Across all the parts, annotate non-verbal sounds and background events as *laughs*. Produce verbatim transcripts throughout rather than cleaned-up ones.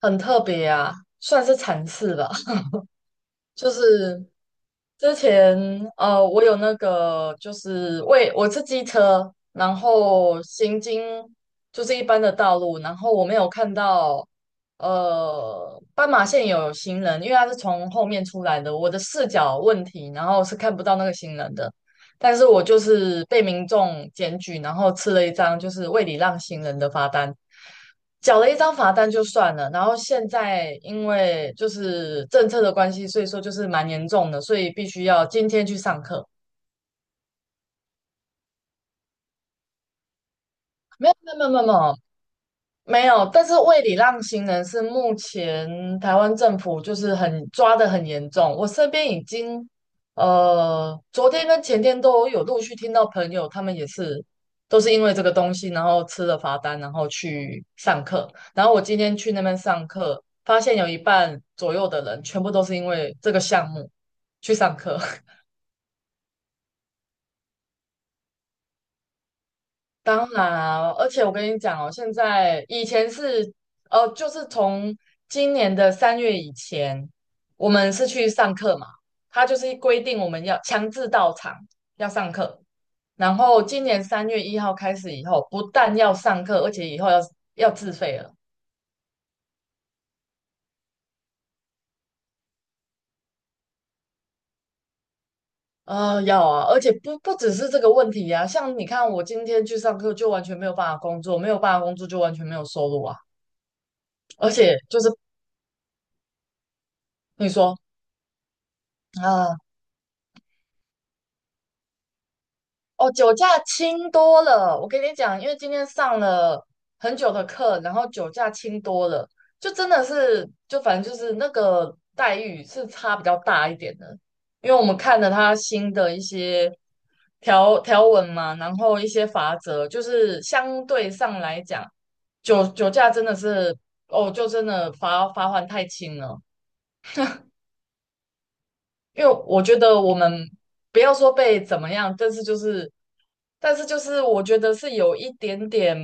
很特别啊，算是惨事吧。*laughs* 就是之前呃，我有那个就是为我是机车，然后行经就是一般的道路，然后我没有看到呃斑马线有行人，因为他是从后面出来的，我的视角问题，然后是看不到那个行人的。但是我就是被民众检举，然后吃了一张就是未礼让行人的罚单，缴了一张罚单就算了。然后现在因为就是政策的关系，所以说就是蛮严重的，所以必须要今天去上课。没有没有没有没有，没有，但是为礼让行人是目前台湾政府就是很抓得很严重。我身边已经，呃，昨天跟前天都有陆续听到朋友，他们也是都是因为这个东西，然后吃了罚单，然后去上课。然后我今天去那边上课，发现有一半左右的人全部都是因为这个项目去上课。*laughs* 当然啊，而且我跟你讲哦，现在以前是，呃，就是从今年的三月以前，我们是去上课嘛，他就是规定我们要强制到场要上课，然后今年三月一号开始以后，不但要上课，而且以后要要自费了。呃，要啊，而且不不只是这个问题啊，像你看，我今天去上课就完全没有办法工作，没有办法工作就完全没有收入啊，而且就是你说。啊，哦，酒驾轻多了。我跟你讲，因为今天上了很久的课，然后酒驾轻多了，就真的是，就反正就是那个待遇是差比较大一点的。因为我们看了他新的一些条条文嘛，然后一些法则，就是相对上来讲，酒酒驾真的是，哦，就真的罚罚款太轻了。因为我觉得我们不要说被怎么样，但是就是，但是就是我觉得是有一点点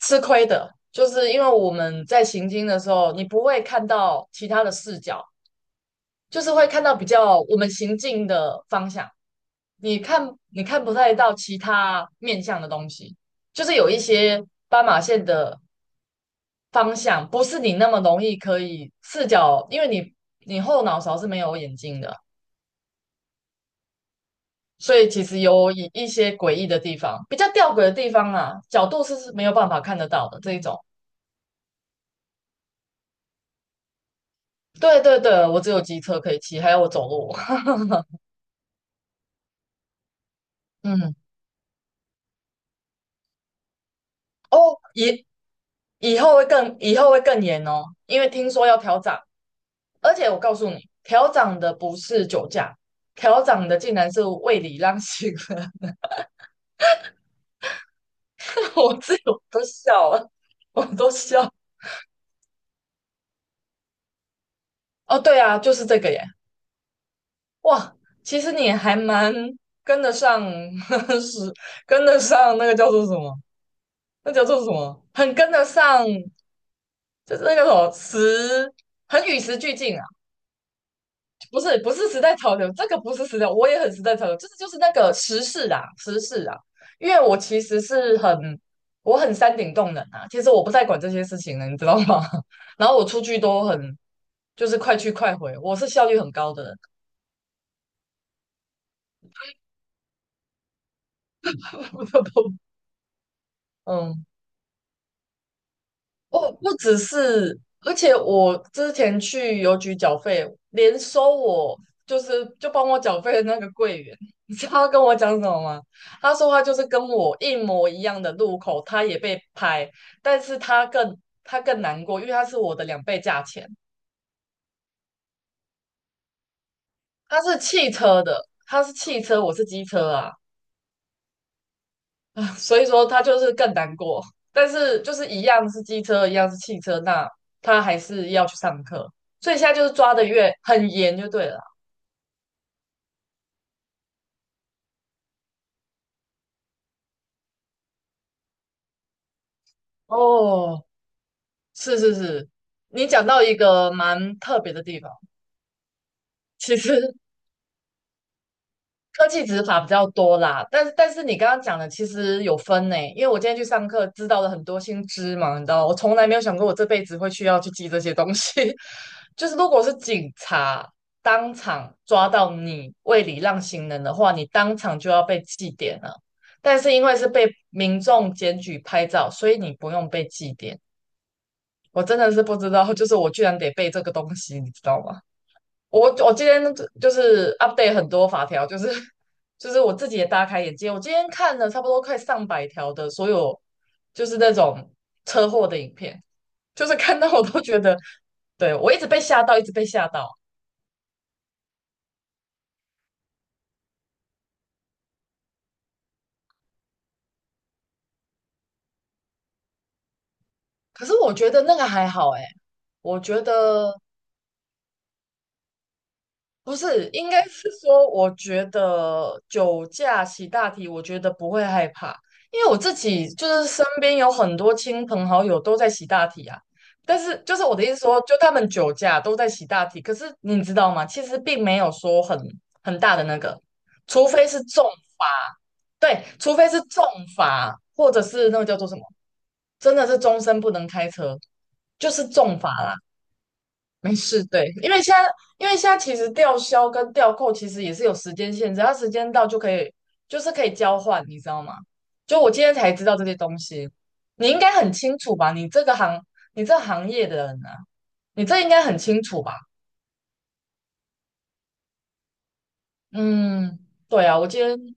吃亏的，就是因为我们在行进的时候，你不会看到其他的视角，就是会看到比较我们行进的方向，你看你看不太到其他面向的东西，就是有一些斑马线的方向，不是你那么容易可以视角，因为你你后脑勺是没有眼睛的。所以其实有一一些诡异的地方，比较吊诡的地方啊，角度是是没有办法看得到的这一种。对对对，我只有机车可以骑，还有我走路。*laughs* 嗯，哦，以以后会更以后会更严哦，因为听说要调涨，而且我告诉你，调涨的不是酒驾，调涨的竟然是胃里让行了，*laughs* 我自己我都笑了，我都笑。哦，对啊，就是这个耶。哇，其实你还蛮跟得上，*laughs* 是跟得上那个叫做什么？那叫做什么？很跟得上，就是那个什么时，很与时俱进啊！不是，不是时代潮流，这个不是时代，我也很时代潮流，就是就是那个时事啊，时事啊。因为我其实是很，我很山顶洞人啊，其实我不太管这些事情了，你知道吗？*laughs* 然后我出去都很，就是快去快回，我是效率很高的人，*laughs* 嗯。哦，不只是，而且我之前去邮局缴费，连收我就是就帮我缴费的那个柜员，*laughs* 你知道他跟我讲什么吗？他说他就是跟我一模一样的路口，他也被拍，但是他更他更难过，因为他是我的两倍价钱，他是汽车的，他是汽车，我是机车啊。所以说他就是更难过。但是就是一样是机车，一样是汽车，那他还是要去上课，所以现在就是抓的越很严就对了啦。哦，是是是，你讲到一个蛮特别的地方，其实科技执法比较多啦，但是但是你刚刚讲的其实有分呢，因为我今天去上课知道了很多新知嘛，你知道，我从来没有想过我这辈子会需要去记这些东西。*laughs* 就是如果是警察当场抓到你未礼让行人的话，你当场就要被记点了。但是因为是被民众检举拍照，所以你不用被记点。我真的是不知道，就是我居然得背这个东西，你知道吗？我我今天就是 update 很多法条，就是 *laughs* 就是我自己也大开眼界。我今天看了差不多快上百条的所有，就是那种车祸的影片，就是看到我都觉得，对，我一直被吓到，一直被吓到。可是我觉得那个还好诶，我觉得不是，应该是说，我觉得酒驾洗大题，我觉得不会害怕，因为我自己就是身边有很多亲朋好友都在洗大题啊。但是，就是我的意思说，就他们酒驾都在洗大题，可是你知道吗？其实并没有说很很大的那个，除非是重罚，对，除非是重罚，或者是那个叫做什么，真的是终身不能开车，就是重罚啦。没事，对，因为现在，因为现在其实吊销跟吊扣其实也是有时间限制，它时间到就可以，就是可以交换，你知道吗？就我今天才知道这些东西，你应该很清楚吧？你这个行，你这行业的人啊，你这应该很清楚吧？嗯，对啊，我今天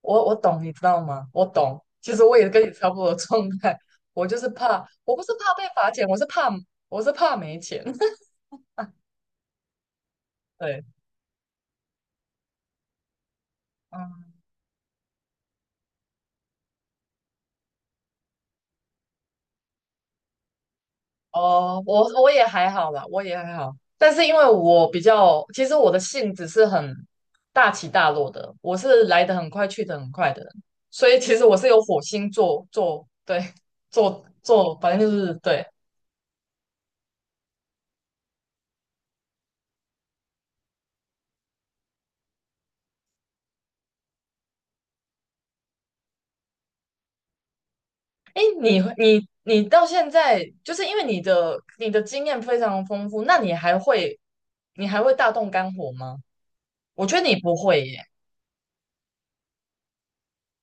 我我懂，你知道吗？我懂，其实我也跟你差不多的状态，我就是怕，我不是怕被罚钱，我是怕我是怕没钱，*laughs* 对，嗯。哦，我我也还好啦，我也还好。但是因为我比较，其实我的性子是很大起大落的，我是来得很快，去得很快的人，所以其实我是有火星做做对做做，反正就是对。哎，你你你到现在，就是因为你的你的经验非常丰富，那你还会你还会大动肝火吗？我觉得你不会耶，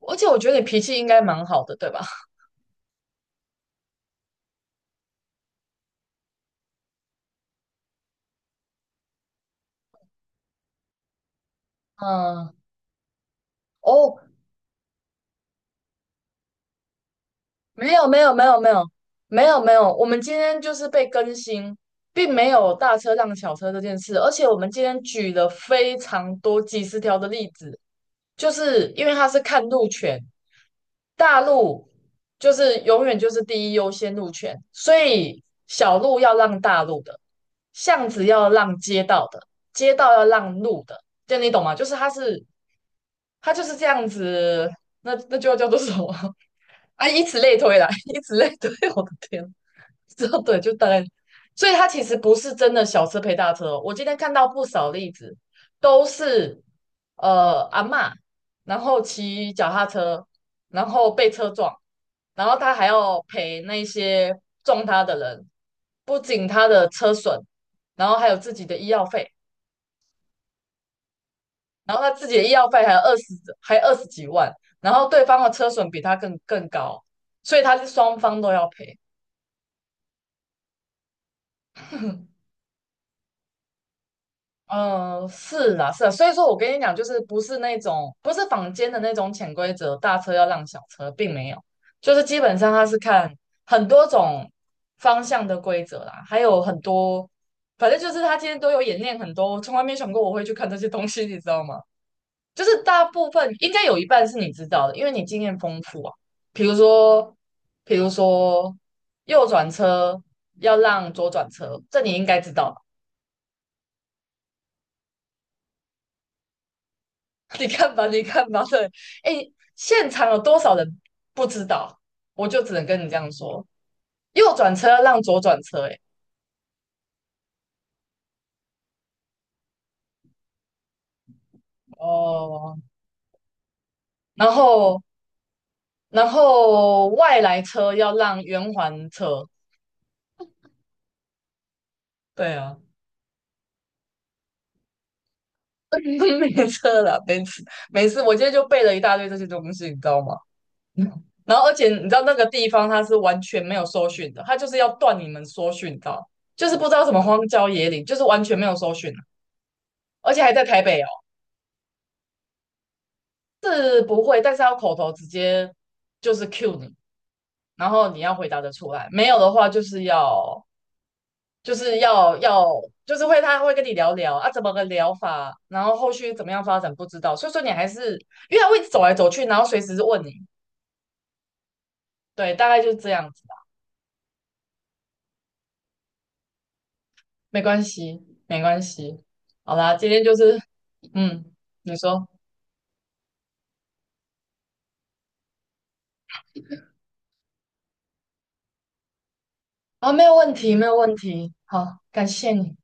而且我觉得你脾气应该蛮好的，对吧？嗯，哦，没有没有没有没有没有没有，我们今天就是被更新，并没有大车让小车这件事，而且我们今天举了非常多几十条的例子，就是因为它是看路权，大陆就是永远就是第一优先路权，所以小路要让大路的，巷子要让街道的，街道要让路的，这样你懂吗？就是它是它就是这样子，那那就要叫做什么 *laughs* 啊？以此类推啦，以此类推，我的天，*laughs* 之后对，就大概，所以他其实不是真的小车赔大车哦我今天看到不少例子，都是呃阿嬷，然后骑脚踏车，然后被车撞，然后他还要赔那些撞他的人，不仅他的车损，然后还有自己的医药费，然后他自己的医药费还有二十还有二十几万，然后对方的车损比他更更高，所以他是双方都要赔。*laughs* 嗯，是啦，是啦，所以说我跟你讲，就是不是那种不是坊间的那种潜规则，大车要让小车，并没有，就是基本上他是看很多种方向的规则啦，还有很多，反正就是他今天都有演练很多，我从来没想过我会去看这些东西，你知道吗？就是大部分应该有一半是你知道的，因为你经验丰富啊，比如说，比如说右转车要让左转车，这你应该知道吧。*laughs* 你看吧，你看吧，对，哎，现场有多少人不知道？我就只能跟你这样说，右转车要让左转车、欸哎，哦，然后然后外来车要让圆环车，对啊，*laughs* 没车了，没事没事，我今天就背了一大堆这些东西，你知道吗？*laughs* 然后而且你知道那个地方它是完全没有搜寻的，它就是要断你们搜寻道？就是不知道什么荒郊野岭，就是完全没有搜寻啊、而且还在台北哦。是不会，但是要口头直接就是 cue 你，然后你要回答的出来，没有的话就是要就是要要就是会他会跟你聊聊啊，怎么个聊法，然后后续怎么样发展不知道，所以说你还是因为他会一直走来走去，然后随时问你，对，大概就是这样子吧，没关系，没关系，好啦，今天就是嗯，你说啊，没有问题，没有问题，好，感谢你，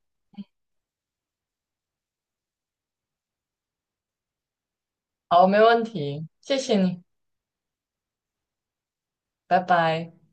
好，没问题，谢谢你，拜拜。